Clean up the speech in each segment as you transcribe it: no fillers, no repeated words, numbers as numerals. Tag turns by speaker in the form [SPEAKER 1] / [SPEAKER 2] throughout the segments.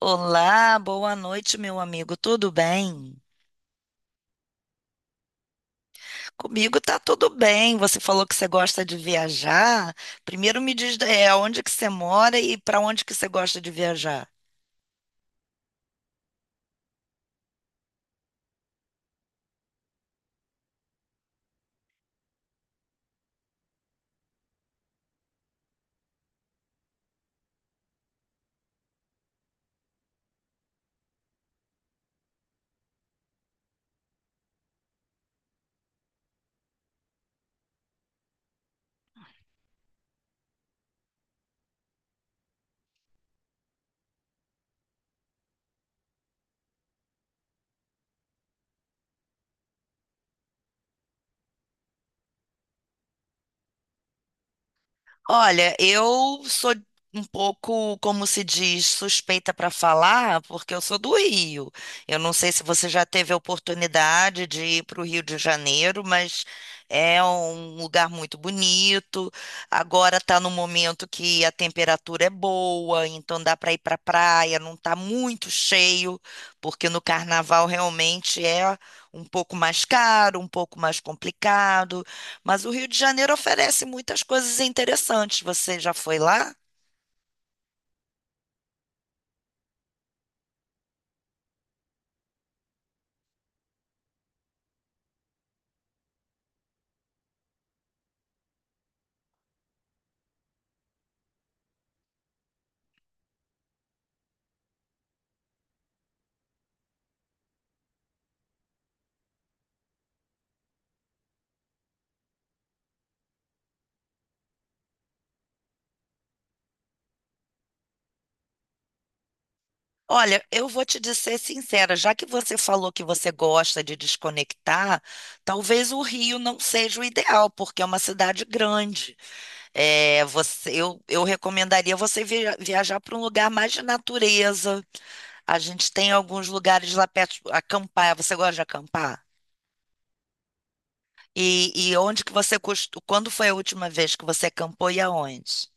[SPEAKER 1] Olá, boa noite, meu amigo. Tudo bem? Comigo tá tudo bem. Você falou que você gosta de viajar. Primeiro me diz, onde que você mora e para onde que você gosta de viajar? Olha, eu sou um pouco, como se diz, suspeita para falar, porque eu sou do Rio. Eu não sei se você já teve a oportunidade de ir para o Rio de Janeiro, mas é um lugar muito bonito. Agora está no momento que a temperatura é boa, então dá para ir para a praia, não está muito cheio, porque no carnaval realmente é um pouco mais caro, um pouco mais complicado. Mas o Rio de Janeiro oferece muitas coisas interessantes. Você já foi lá? Olha, eu vou te dizer sincera, já que você falou que você gosta de desconectar, talvez o Rio não seja o ideal, porque é uma cidade grande. É, eu recomendaria você viajar para um lugar mais de natureza. A gente tem alguns lugares lá perto, acampar. Você gosta de acampar? E onde que você costuma, quando foi a última vez que você acampou e aonde?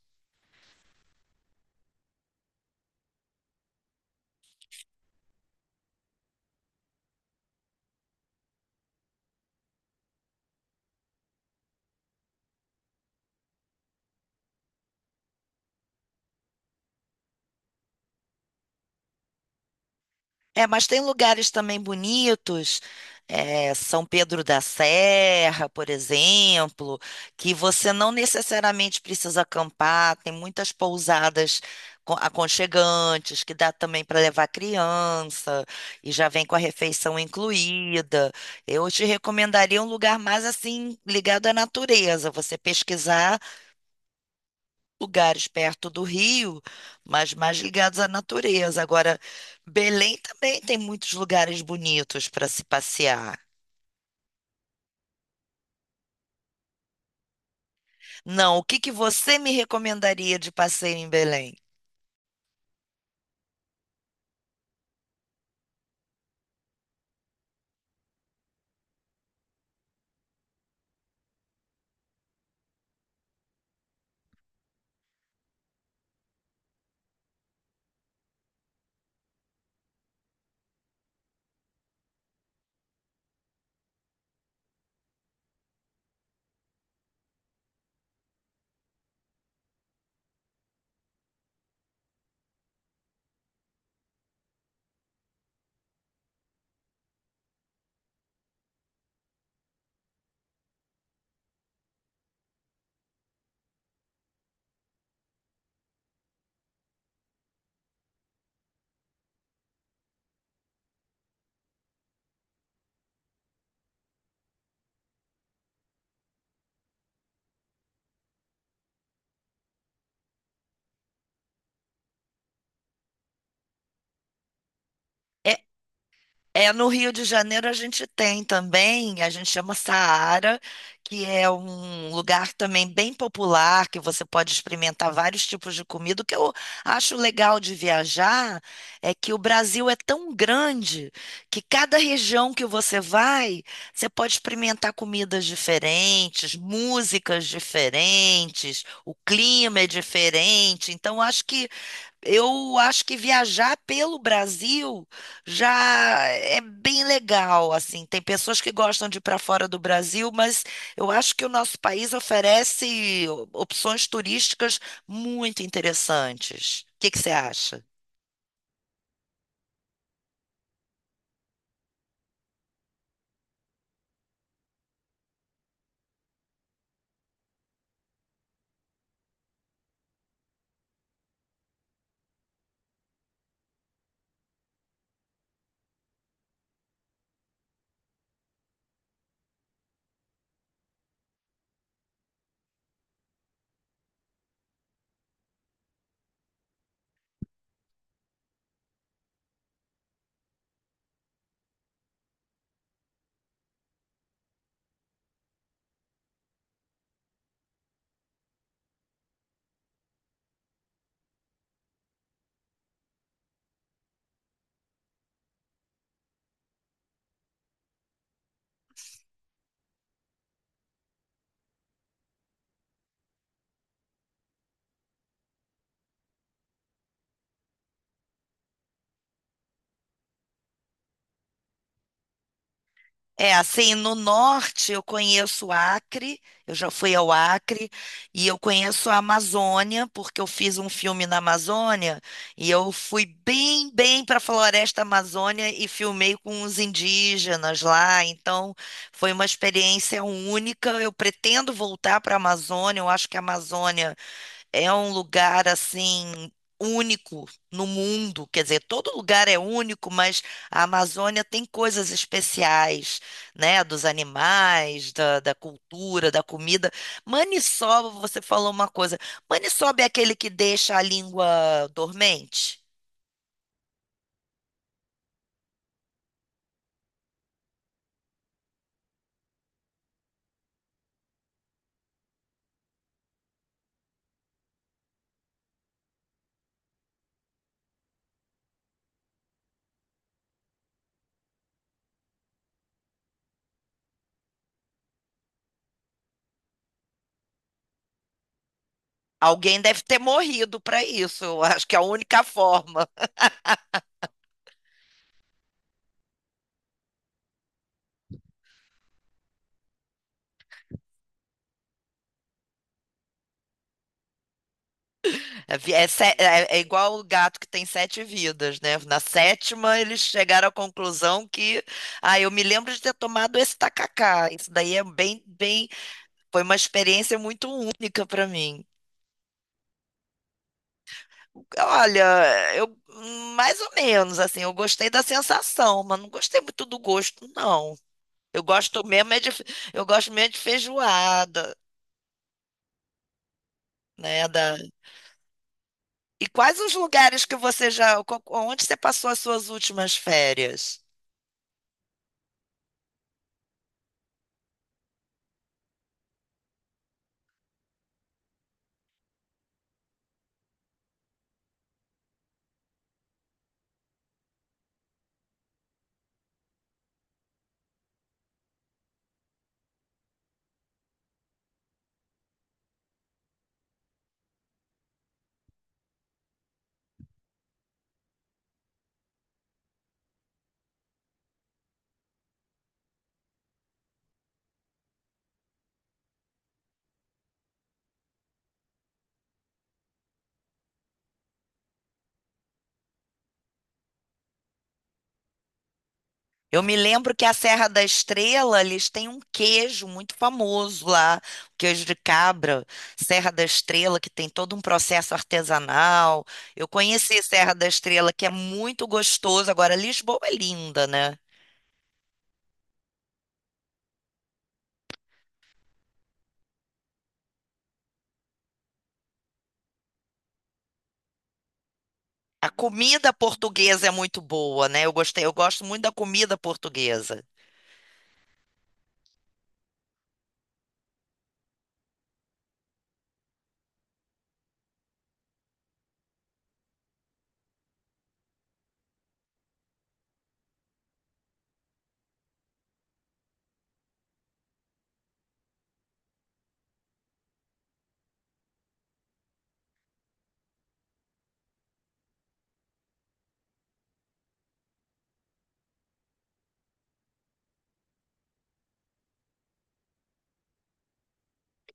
[SPEAKER 1] É, mas tem lugares também bonitos, São Pedro da Serra, por exemplo, que você não necessariamente precisa acampar, tem muitas pousadas aconchegantes, que dá também para levar criança, e já vem com a refeição incluída. Eu te recomendaria um lugar mais assim, ligado à natureza, você pesquisar lugares perto do Rio, mas mais ligados à natureza. Agora, Belém também tem muitos lugares bonitos para se passear. Não, o que que você me recomendaria de passeio em Belém? É, É, no Rio de Janeiro a gente tem também, a gente chama Saara, que é um lugar também bem popular, que você pode experimentar vários tipos de comida. O que eu acho legal de viajar é que o Brasil é tão grande que cada região que você vai, você pode experimentar comidas diferentes, músicas diferentes, o clima é diferente. Então, acho que eu acho que viajar pelo Brasil já é bem legal, assim. Tem pessoas que gostam de ir para fora do Brasil, mas eu acho que o nosso país oferece opções turísticas muito interessantes. O que que você acha? É, assim, no norte eu conheço o Acre, eu já fui ao Acre, e eu conheço a Amazônia, porque eu fiz um filme na Amazônia, e eu fui bem, bem para a Floresta Amazônia e filmei com os indígenas lá, então foi uma experiência única. Eu pretendo voltar para a Amazônia, eu acho que a Amazônia é um lugar assim único no mundo, quer dizer, todo lugar é único, mas a Amazônia tem coisas especiais, né, dos animais, da cultura, da comida. Maniçoba, você falou uma coisa. Maniçoba é aquele que deixa a língua dormente? Alguém deve ter morrido para isso, eu acho que é a única forma. É, é igual o gato que tem 7 vidas, né? Na sétima, eles chegaram à conclusão que, ah, eu me lembro de ter tomado esse tacacá. Isso daí é bem, bem, foi uma experiência muito única para mim. Olha, eu mais ou menos assim, eu gostei da sensação, mas não gostei muito do gosto, não. Eu gosto mesmo é de, eu gosto mesmo é de feijoada, né? Da... E quais os lugares que você já, onde você passou as suas últimas férias? Eu me lembro que a Serra da Estrela, eles têm um queijo muito famoso lá, o queijo de cabra, Serra da Estrela, que tem todo um processo artesanal. Eu conheci Serra da Estrela, que é muito gostoso. Agora, Lisboa é linda, né? A comida portuguesa é muito boa, né? Eu gostei, eu gosto muito da comida portuguesa.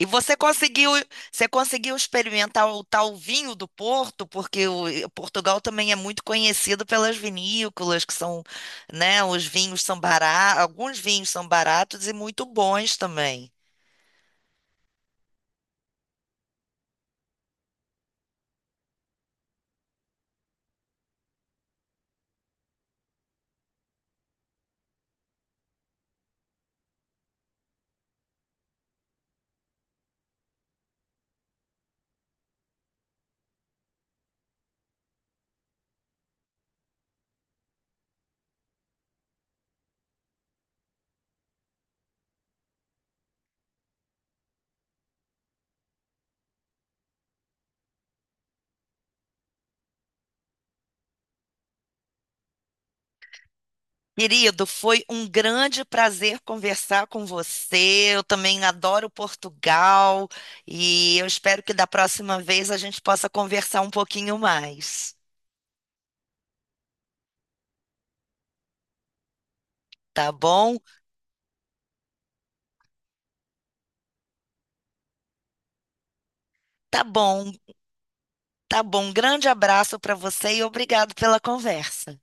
[SPEAKER 1] E você conseguiu experimentar o tal vinho do Porto, porque o, e Portugal também é muito conhecido pelas vinícolas, que são, né, os vinhos são baratos, alguns vinhos são baratos e muito bons também. Querido, foi um grande prazer conversar com você. Eu também adoro Portugal e eu espero que da próxima vez a gente possa conversar um pouquinho mais, tá bom? Tá bom. Tá bom, grande abraço para você e obrigado pela conversa.